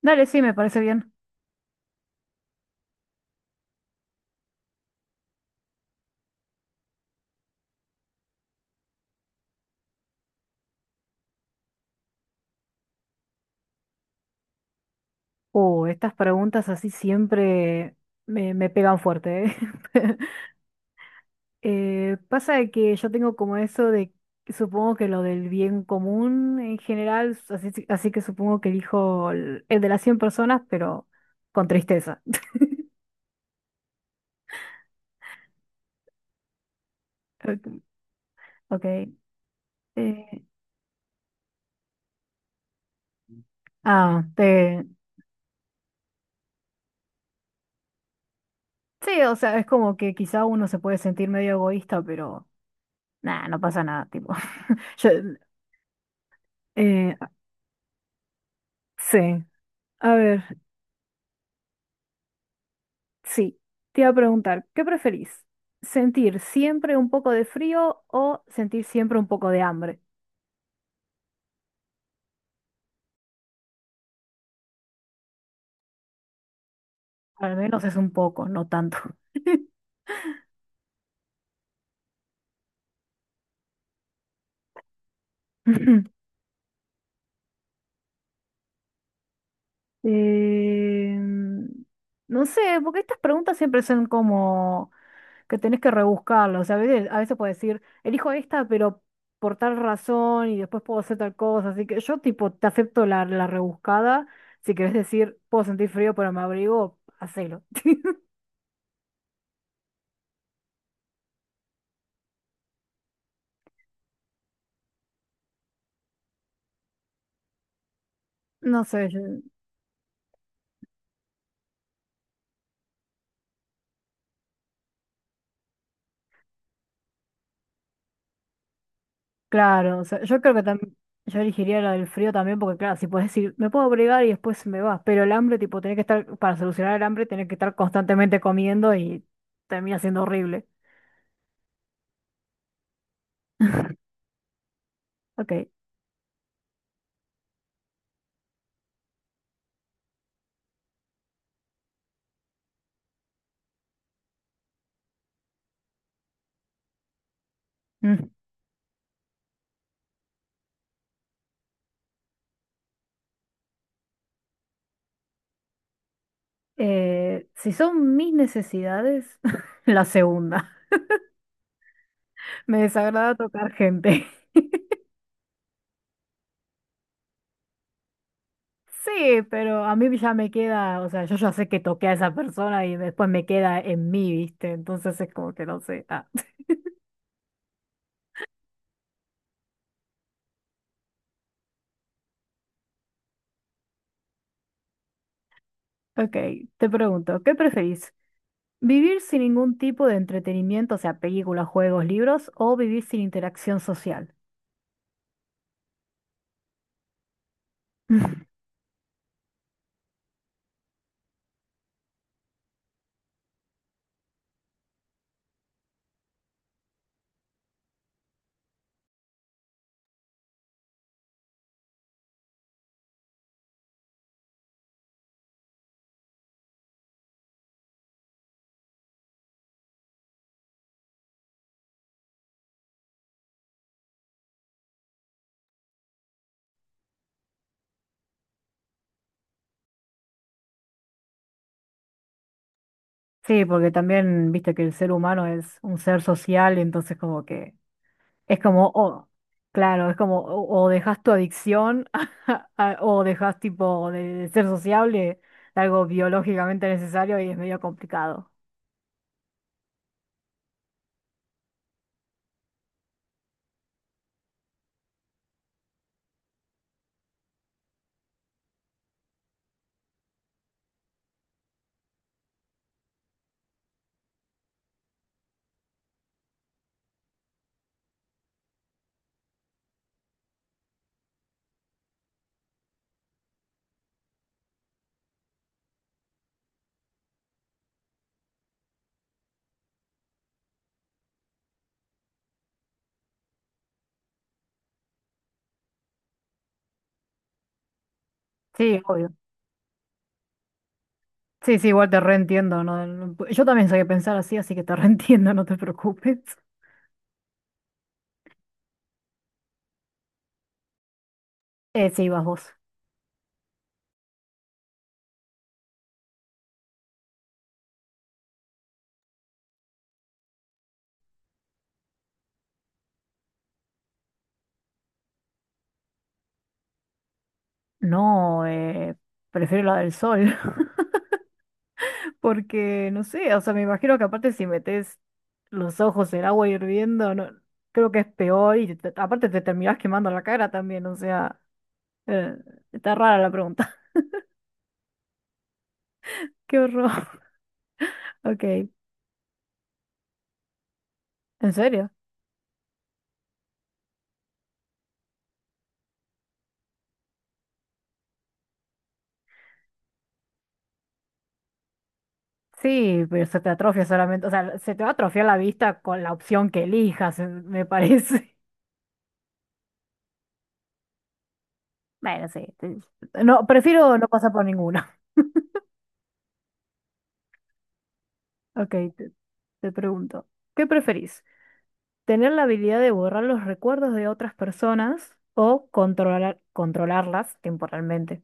Dale, sí, me parece bien. Estas preguntas así siempre me pegan fuerte, ¿eh? Pasa de que yo tengo como eso de, supongo que lo del bien común en general, así, así que supongo que elijo el de las 100 personas, pero con tristeza. Ok. eh, ah, te... Sí, o sea, es como que quizá uno se puede sentir medio egoísta, pero nada, no pasa nada, tipo. Yo, eh, sí. A ver. Sí, te iba a preguntar, ¿qué preferís? ¿Sentir siempre un poco de frío o sentir siempre un poco de hambre? Al menos es un poco, no tanto. Em, no sé, porque estas preguntas siempre son como que tenés que rebuscarlas. O sea, a veces puedes decir, elijo esta, pero por tal razón y después puedo hacer tal cosa. Así que yo, tipo, te acepto la rebuscada. Si querés decir, puedo sentir frío, pero me abrigo, hacelo. No sé, yo. Claro, o sea, yo creo que también, yo elegiría la del frío también, porque claro, si puedes decir, me puedo abrigar y después me va, pero el hambre, tipo, tenés que estar, para solucionar el hambre, tenés que estar constantemente comiendo y termina siendo horrible. Ok. Mm. Si son mis necesidades, la segunda. Me desagrada tocar gente. Sí, pero a mí ya me queda, o sea, yo ya sé que toqué a esa persona y después me queda en mí, ¿viste? Entonces es como que no sé. Ah. Ok, te pregunto, ¿qué preferís? Vivir sin ningún tipo de entretenimiento, o sea, películas, juegos, libros, o vivir sin interacción social. Sí, porque también, viste que el ser humano es un ser social, entonces como que es como, oh, claro, es como, o dejas tu adicción, o dejas tipo de ser sociable, algo biológicamente necesario y es medio complicado. Sí, obvio. Sí, sí, igual te reentiendo, ¿no? No- Yo también soy de pensar así, así que te reentiendo, no te preocupes. Sí, vas vos. No, prefiero la del sol, porque no sé, o sea, me imagino que aparte si metes los ojos en agua hirviendo, no, creo que es peor y aparte te terminás quemando la cara también, o sea, eh, está rara la pregunta. Qué horror. Ok, ¿en serio? Sí, pero se te atrofia solamente, o sea, se te va a atrofiar la vista con la opción que elijas, me parece. Bueno, sí, no, prefiero no pasar por ninguna. Ok, te te pregunto, ¿qué preferís? Tener la habilidad de borrar los recuerdos de otras personas o controlarlas temporalmente.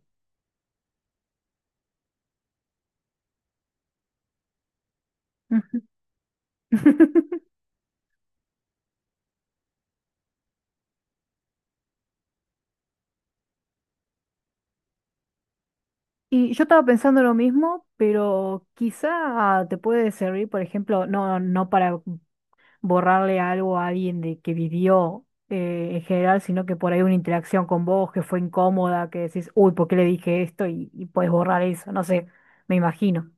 Y yo estaba pensando lo mismo, pero quizá te puede servir, por ejemplo, no para borrarle algo a alguien de que vivió en general, sino que por ahí una interacción con vos que fue incómoda, que decís, uy, ¿por qué le dije esto? Y puedes borrar eso, no sé, me imagino.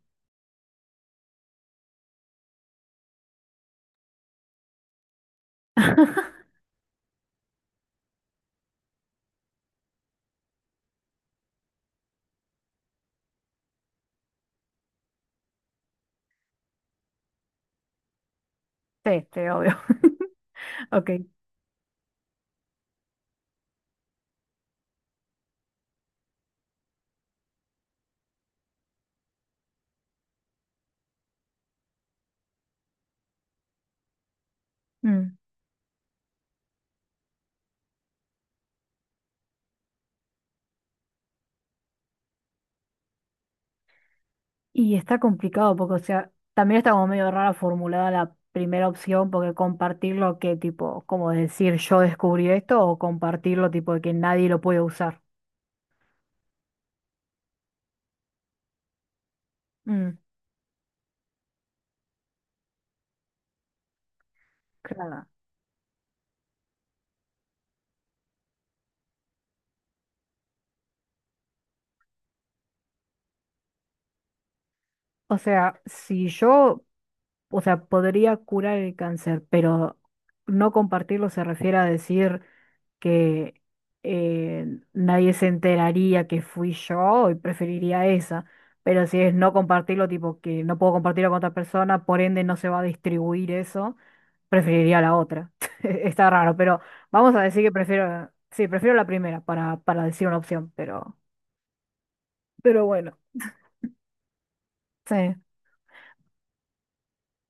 Sí, sí, obvio. Ok. Mm. Y está complicado porque, o sea, también está como medio rara formulada la primera opción porque compartirlo que tipo, como decir yo descubrí esto o compartirlo tipo de que nadie lo puede usar. Mm, claro. O sea, si yo, o sea, podría curar el cáncer, pero no compartirlo se refiere a decir que eh, nadie se enteraría que fui yo y preferiría esa. Pero si es no compartirlo, tipo que no puedo compartirlo con otra persona, por ende no se va a distribuir eso, preferiría la otra. Está raro, pero vamos a decir que sí, prefiero la primera para decir una opción, pero bueno, sí.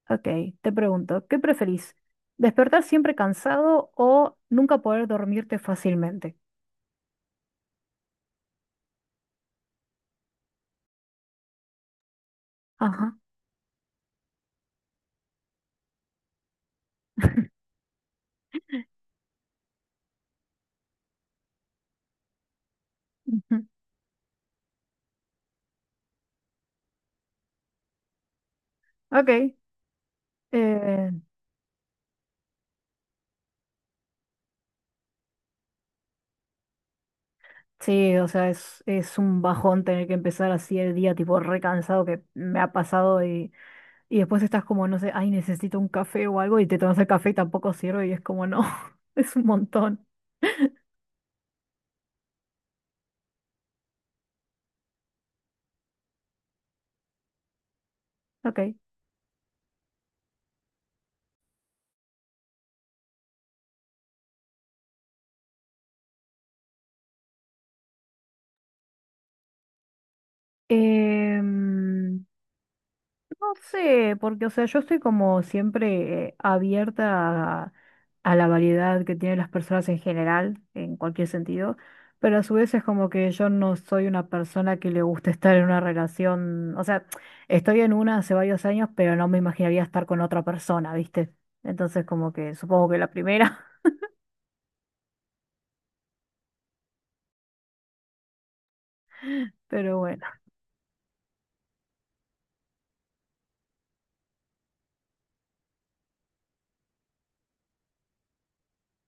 Ok, te pregunto, ¿qué preferís? ¿Despertar siempre cansado o nunca poder dormirte fácilmente? Ajá. Ujú. Ok. eh, sí, o sea, es un bajón tener que empezar así el día, tipo recansado que me ha pasado y después estás como, no sé, ay, necesito un café o algo y te tomas el café y tampoco sirve y es como, no, es un montón. Ok. em, No sé, porque, o sea, yo estoy como siempre abierta a la variedad que tienen las personas en general, en cualquier sentido, pero a su vez es como que yo no soy una persona que le gusta estar en una relación, o sea, estoy en una hace varios años, pero no me imaginaría estar con otra persona, ¿viste? Entonces como que supongo que la primera, pero bueno,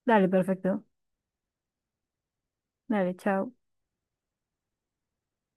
dale, perfecto, dale, chao.